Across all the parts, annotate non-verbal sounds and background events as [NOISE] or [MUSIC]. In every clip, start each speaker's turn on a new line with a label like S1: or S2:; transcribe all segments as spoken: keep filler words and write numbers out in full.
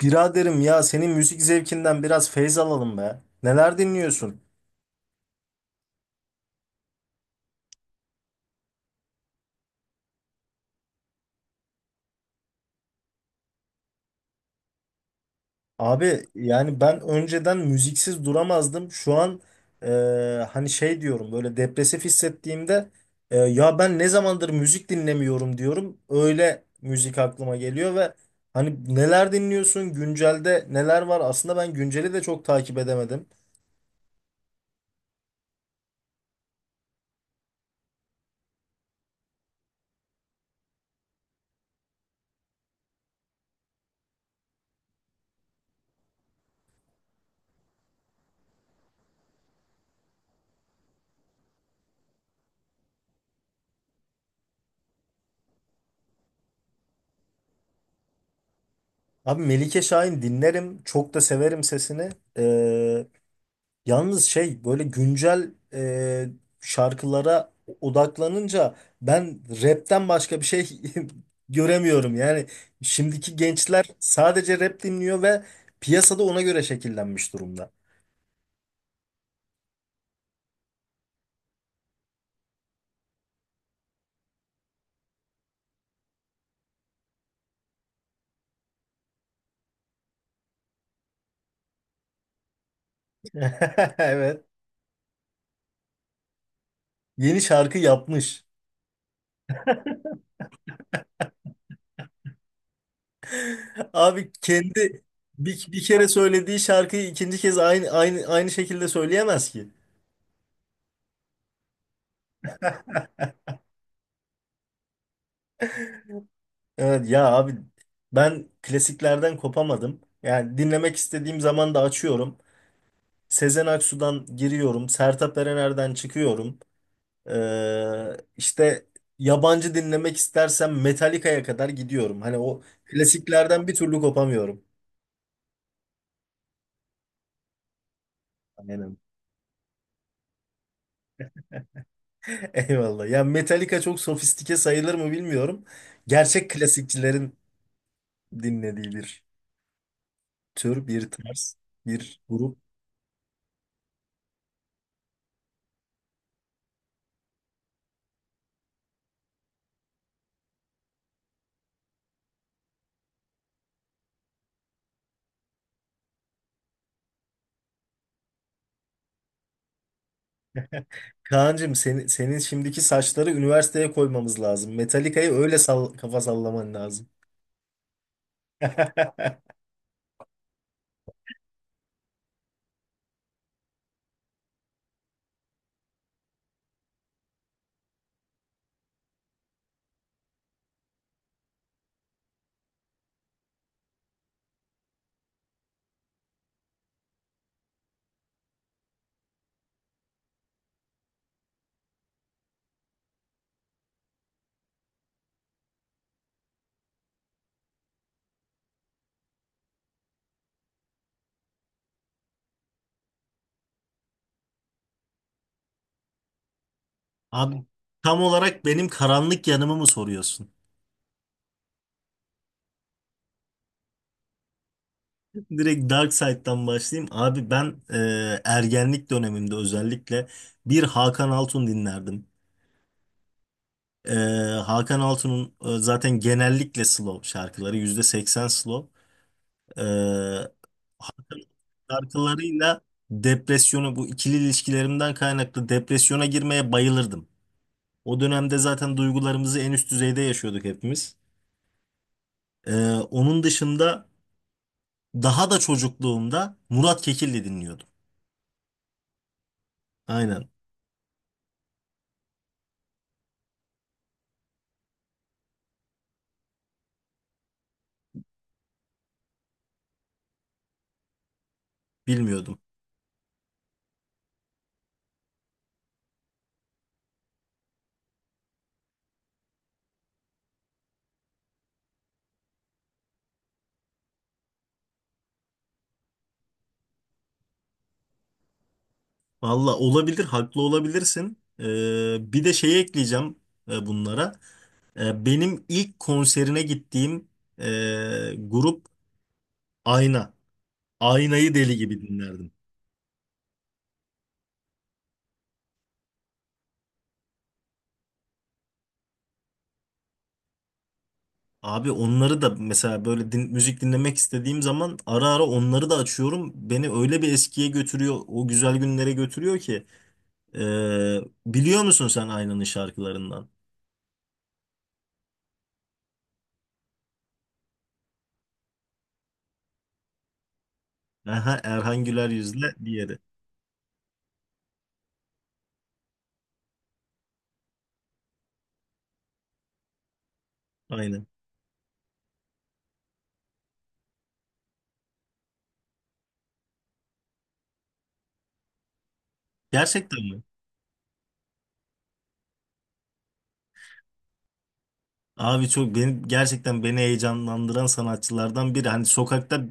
S1: Biraderim ya senin müzik zevkinden biraz feyz alalım be. Neler dinliyorsun? Abi yani ben önceden müziksiz duramazdım. Şu an e, hani şey diyorum böyle depresif hissettiğimde e, ya ben ne zamandır müzik dinlemiyorum diyorum. Öyle müzik aklıma geliyor ve hani neler dinliyorsun? Güncelde neler var? Aslında ben günceli de çok takip edemedim. Abi Melike Şahin dinlerim. Çok da severim sesini. E, Yalnız şey böyle güncel e, şarkılara odaklanınca ben rapten başka bir şey [LAUGHS] göremiyorum. Yani şimdiki gençler sadece rap dinliyor ve piyasada ona göre şekillenmiş durumda. [LAUGHS] Evet. Yeni şarkı yapmış. Abi kendi bir, bir kere söylediği şarkıyı ikinci kez aynı aynı aynı şekilde söyleyemez ki. Evet ya abi ben klasiklerden kopamadım. Yani dinlemek istediğim zaman da açıyorum. Sezen Aksu'dan giriyorum. Sertab Erener'den çıkıyorum. Ee, işte yabancı dinlemek istersem Metallica'ya kadar gidiyorum. Hani o klasiklerden bir türlü kopamıyorum. Aynen. [LAUGHS] Eyvallah. Ya Metallica çok sofistike sayılır mı bilmiyorum. Gerçek klasikçilerin dinlediği bir tür, bir tarz, bir grup. Kaan'cığım senin, senin şimdiki saçları üniversiteye koymamız lazım. Metallica'yı öyle sall kafa sallaman lazım. [LAUGHS] Abi tam olarak benim karanlık yanımı mı soruyorsun? [LAUGHS] Direkt Dark Side'dan başlayayım. Abi ben e, ergenlik dönemimde özellikle bir Hakan Altun dinlerdim. E, Hakan Altun'un e, zaten genellikle slow şarkıları yüzde seksen slow. E, Şarkılarıyla depresyona bu ikili ilişkilerimden kaynaklı depresyona girmeye bayılırdım. O dönemde zaten duygularımızı en üst düzeyde yaşıyorduk hepimiz. E, Onun dışında daha da çocukluğumda Murat Kekilli dinliyordum. Aynen. Bilmiyordum. Valla olabilir, haklı olabilirsin. Ee, bir de şey ekleyeceğim e, bunlara. Ee, benim ilk konserine gittiğim e, grup Ayna. Aynayı deli gibi dinlerdim. Abi onları da mesela böyle din- müzik dinlemek istediğim zaman ara ara onları da açıyorum. Beni öyle bir eskiye götürüyor, o güzel günlere götürüyor ki. Ee, Biliyor musun sen Aynanın şarkılarından? Aha, Erhan Güler yüzle diğeri. Aynen. Gerçekten mi? Abi çok beni gerçekten beni heyecanlandıran sanatçılardan biri. Hani sokakta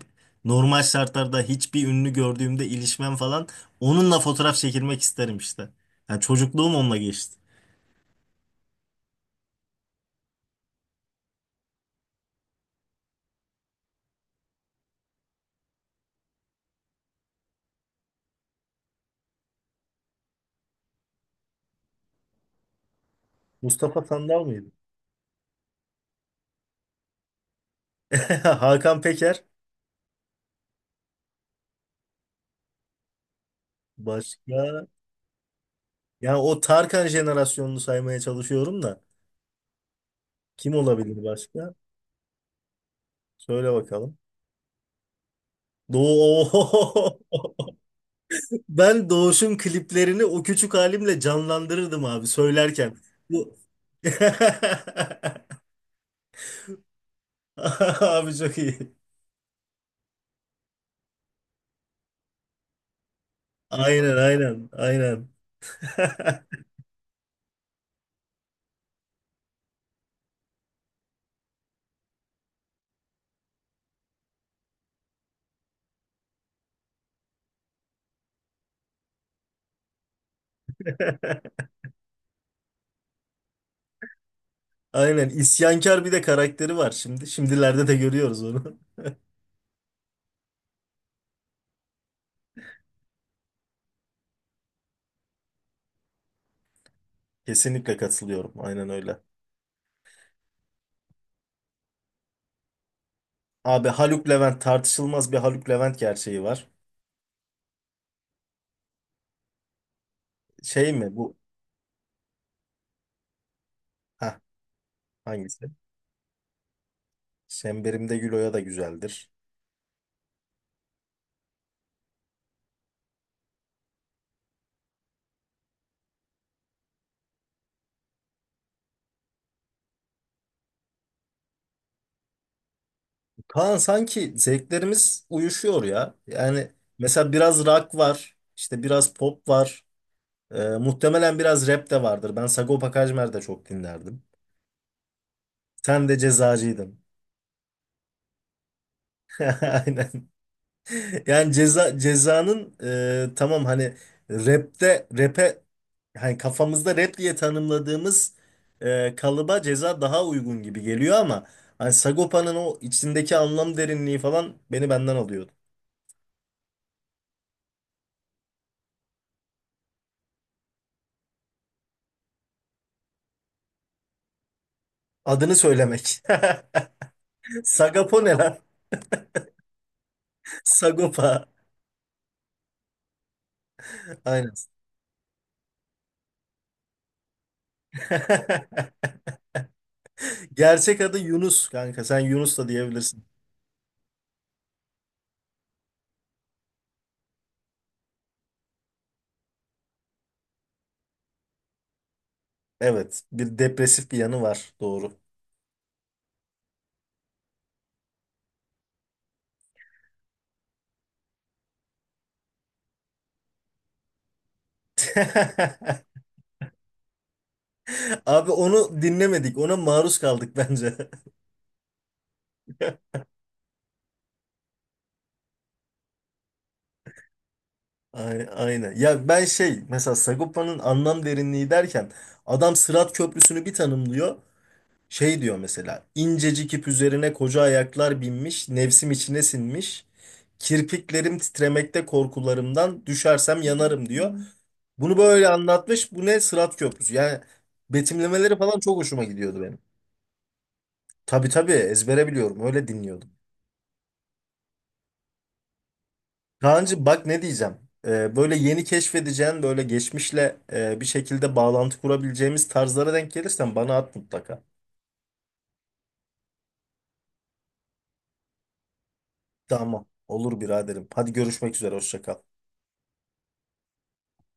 S1: normal şartlarda hiçbir ünlü gördüğümde ilişmem falan onunla fotoğraf çekilmek isterim işte. Yani çocukluğum onunla geçti. Mustafa Sandal mıydı? [LAUGHS] Hakan Peker. Başka? Yani o Tarkan jenerasyonunu saymaya çalışıyorum da. Kim olabilir başka? Söyle bakalım. Doğu. [LAUGHS] Ben Doğuş'un kliplerini o küçük halimle canlandırırdım abi söylerken. Bu [LAUGHS] abi çok iyi. Aynen aynen aynen. [LAUGHS] Aynen isyankar bir de karakteri var şimdi. Şimdilerde de görüyoruz onu. Kesinlikle katılıyorum. Aynen öyle. Abi Haluk Levent tartışılmaz bir Haluk Levent gerçeği var. Şey mi bu? Heh, hangisi? Semberimde güloya da güzeldir. Kaan sanki zevklerimiz uyuşuyor ya. Yani mesela biraz rock var, işte biraz pop var. Ee, muhtemelen biraz rap de vardır. Ben Sagopa Kajmer de çok dinlerdim. Sen de cezacıydın. [LAUGHS] Aynen. Yani ceza cezanın e, tamam hani rapte rap'e hani kafamızda rap diye tanımladığımız e, kalıba ceza daha uygun gibi geliyor ama hani Sagopa'nın o içindeki anlam derinliği falan beni benden alıyordu. Adını söylemek. [LAUGHS] Sagapo ne lan? [LAUGHS] Sagopa. Aynen. [LAUGHS] Gerçek adı Yunus kanka. Sen Yunus da diyebilirsin. Evet. Bir depresif bir yanı var. Doğru. [LAUGHS] Abi onu dinlemedik. Ona maruz kaldık bence. [LAUGHS] Ay- Aynen. Ya ben şey mesela Sagopa'nın anlam derinliği derken adam Sırat Köprüsü'nü bir tanımlıyor. Şey diyor mesela incecik ip üzerine koca ayaklar binmiş nefsim içine sinmiş kirpiklerim titremekte korkularımdan düşersem yanarım diyor. Bunu böyle anlatmış. Bu ne? Sırat Köprüsü. Yani betimlemeleri falan çok hoşuma gidiyordu benim. Tabii tabii ezbere biliyorum. Öyle dinliyordum. Kaan'cığım bak ne diyeceğim. Ee, böyle yeni keşfedeceğin böyle geçmişle e, bir şekilde bağlantı kurabileceğimiz tarzlara denk gelirsen bana at mutlaka. Tamam. Olur biraderim. Hadi görüşmek üzere. Hoşça kal.